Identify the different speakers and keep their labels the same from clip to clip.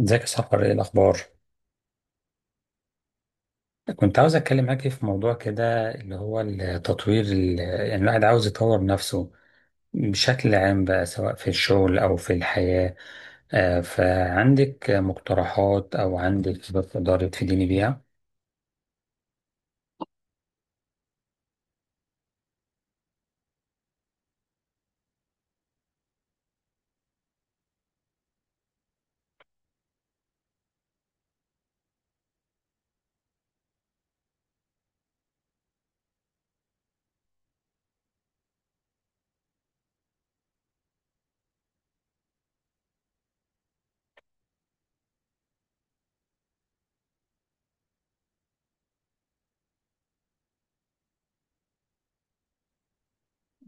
Speaker 1: ازيك يا سحر، ايه الاخبار؟ كنت عاوز اتكلم معاكي في موضوع كده، اللي هو التطوير يعني الواحد عاوز يطور نفسه بشكل عام بقى، سواء في الشغل او في الحياة. فعندك مقترحات او عندك خبرات تقدري تفيديني بيها؟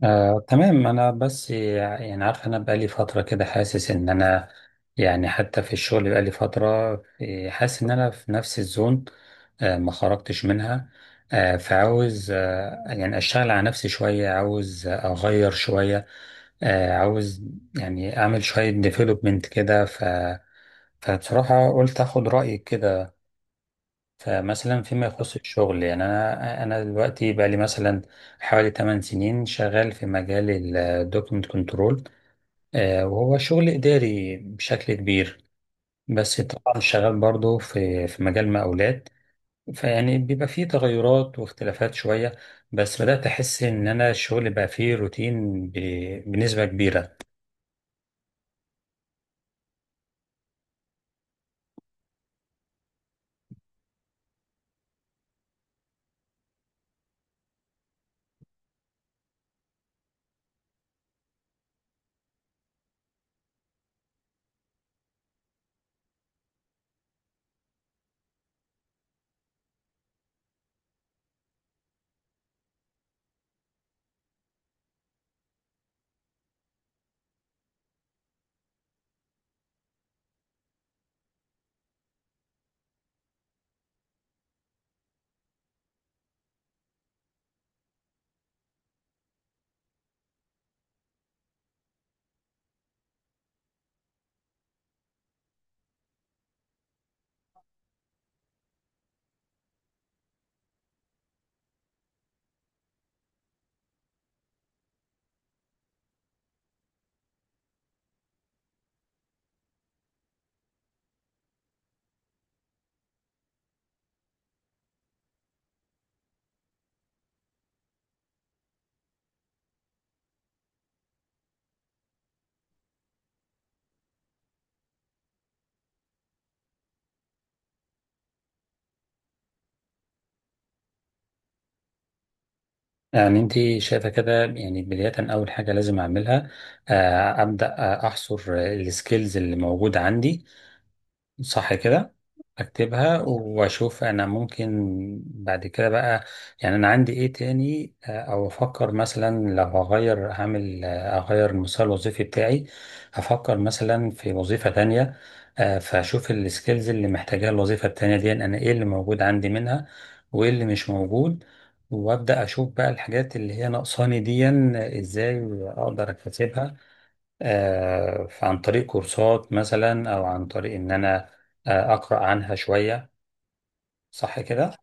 Speaker 1: آه، تمام. انا بس يعني عارف انا بقالي فتره كده حاسس ان انا يعني حتى في الشغل بقالي فتره حاسس ان انا في نفس الزون، ما خرجتش منها. فعاوز، يعني اشتغل على نفسي شويه، عاوز اغير شويه. عاوز يعني اعمل شويه ديفلوبمنت كده. فبصراحه قلت اخد رايك كده. فمثلا فيما يخص الشغل، يعني انا دلوقتي بقى لي مثلا حوالي 8 سنين شغال في مجال الدوكيمنت كنترول، وهو شغل اداري بشكل كبير، بس طبعا شغال برضه في مجال مقاولات. فيعني بيبقى فيه تغيرات واختلافات شوية، بس بدأت أحس إن أنا الشغل بقى فيه روتين بنسبة كبيرة. يعني أنت شايفة كده يعني بداية أول حاجة لازم أعملها، أبدأ أحصر السكيلز اللي موجودة عندي، صح كده؟ اكتبها واشوف انا ممكن بعد كده بقى يعني انا عندي ايه تاني، او افكر مثلا لو هغير هعمل، اغير المسار الوظيفي بتاعي، هفكر مثلا في وظيفة تانية. فاشوف السكيلز اللي محتاجاها الوظيفة التانية دي، انا ايه اللي موجود عندي منها وايه اللي مش موجود، وابدا اشوف بقى الحاجات اللي هي ناقصاني دي ازاي اقدر اكتسبها. عن طريق كورسات مثلا، او عن طريق ان انا اقرا عنها شويه، صح كده؟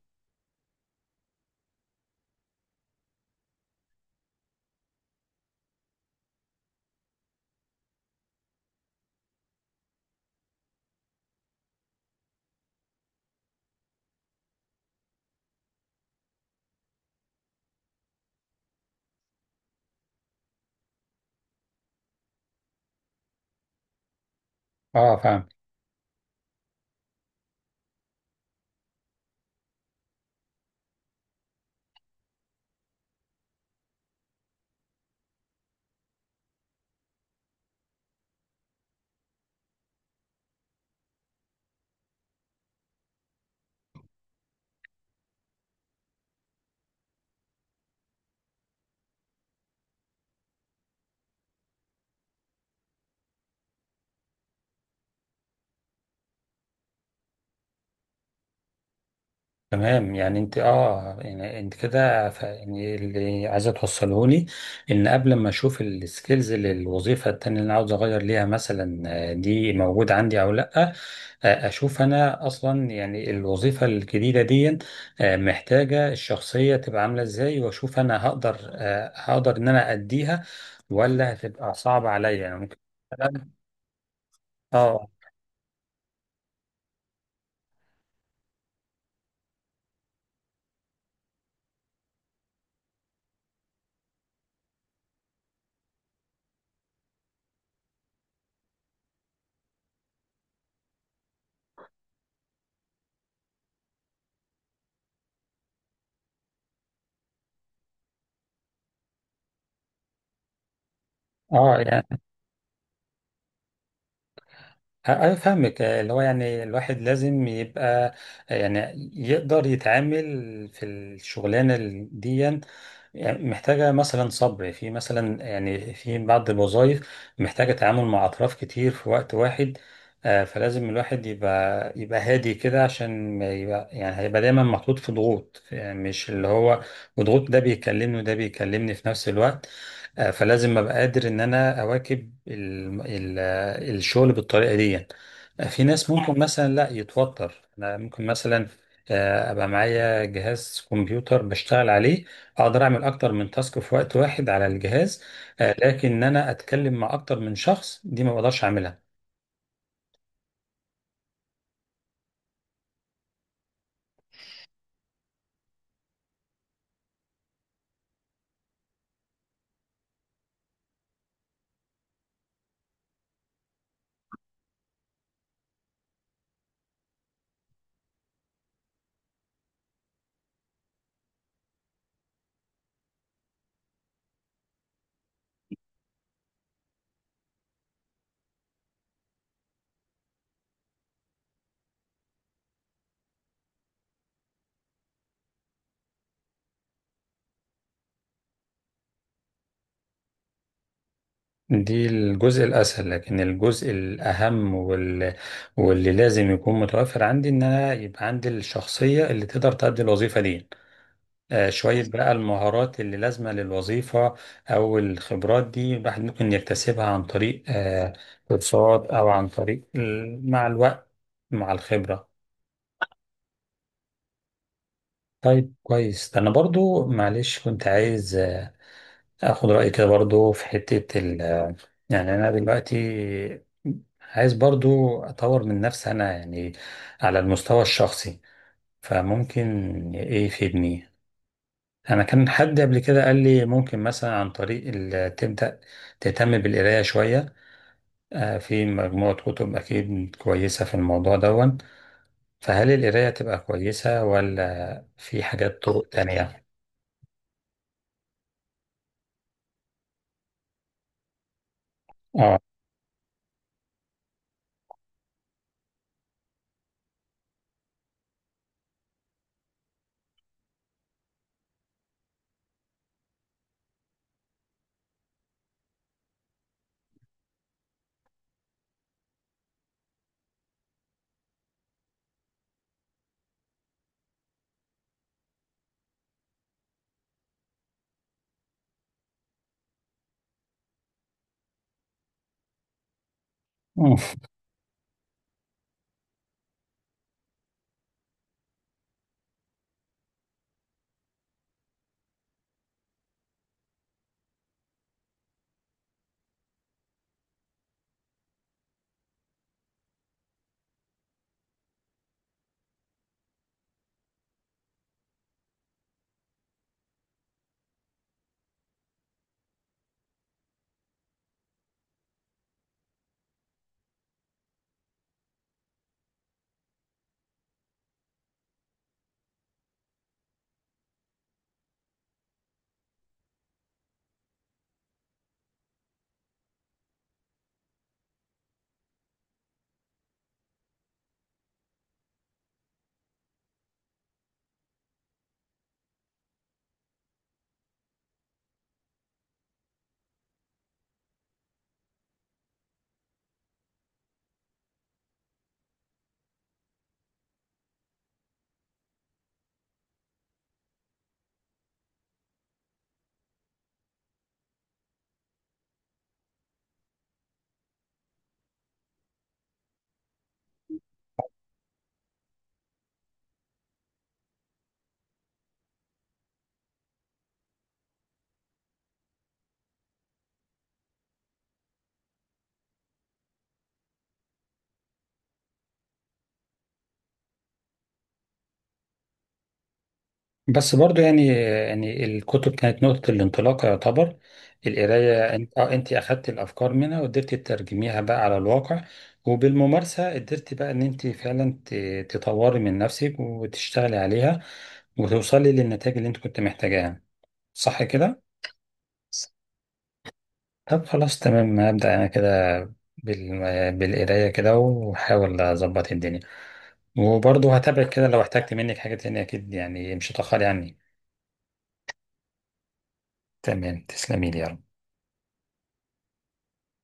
Speaker 1: اه تمام. يعني انت اه يعني انت كده يعني اللي عايزه توصله لي، ان قبل ما اشوف السكيلز للوظيفه التانيه اللي انا عاوز اغير ليها مثلا دي موجوده عندي او لا، اشوف انا اصلا يعني الوظيفه الجديده دي محتاجه الشخصيه تبقى عامله ازاي، واشوف انا هقدر، هقدر ان انا اديها ولا هتبقى صعبه عليا يعني ممكن مثلا. اه، اه. يعني أنا فاهمك، اللي هو يعني الواحد لازم يبقى، يعني يقدر يتعامل في الشغلانة دي. يعني محتاجة مثلا صبر في مثلا، يعني في بعض الوظائف محتاجة تعامل مع أطراف كتير في وقت واحد. فلازم الواحد يبقى هادي كده، عشان ما يبقى يعني هيبقى دايما محطوط في ضغوط، يعني مش اللي هو وضغوط ده بيكلمني وده بيكلمني في نفس الوقت. فلازم ابقى قادر ان انا اواكب ال الشغل بالطريقه دي. في ناس ممكن مثلا لا يتوتر، انا ممكن مثلا ابقى معايا جهاز كمبيوتر بشتغل عليه، اقدر اعمل اكتر من تاسك في وقت واحد على الجهاز، لكن ان انا اتكلم مع اكتر من شخص دي ما بقدرش اعملها. دي الجزء الاسهل، لكن الجزء الاهم واللي لازم يكون متوفر عندي ان انا يبقى عندي الشخصيه اللي تقدر تؤدي الوظيفه دي. شوية بقى المهارات اللي لازمة للوظيفة أو الخبرات دي، الواحد ممكن يكتسبها عن طريق كورسات، أو عن طريق مع الوقت، مع الخبرة. طيب، كويس. ده أنا برضو معلش كنت عايز أخد رأيك كده برضو في حتة ال، يعني أنا دلوقتي عايز برضو أطور من نفسي أنا يعني على المستوى الشخصي. فممكن إيه يفيدني؟ أنا كان حد قبل كده قال لي ممكن مثلا عن طريق تبدأ تهتم بالقراية شوية. في مجموعة كتب أكيد كويسة في الموضوع دون، فهل القراية تبقى كويسة ولا في حاجات طرق تانية؟ آه، بس برضو يعني، يعني الكتب كانت نقطة الانطلاق يعتبر. القراية انت اه انت اخدت الافكار منها وقدرتي تترجميها بقى على الواقع، وبالممارسة قدرتي بقى ان انت فعلا تطوري من نفسك وتشتغلي عليها وتوصلي للنتائج اللي انت كنت محتاجاها يعني. صح كده؟ طب خلاص تمام، هبدأ أنا كده بال... بالقراية كده وأحاول أظبط الدنيا. وبرضه هتابعك كده، لو احتجت منك حاجة تانية أكيد يعني مش هتأخري عني. تمام، تسلمي لي يا رب.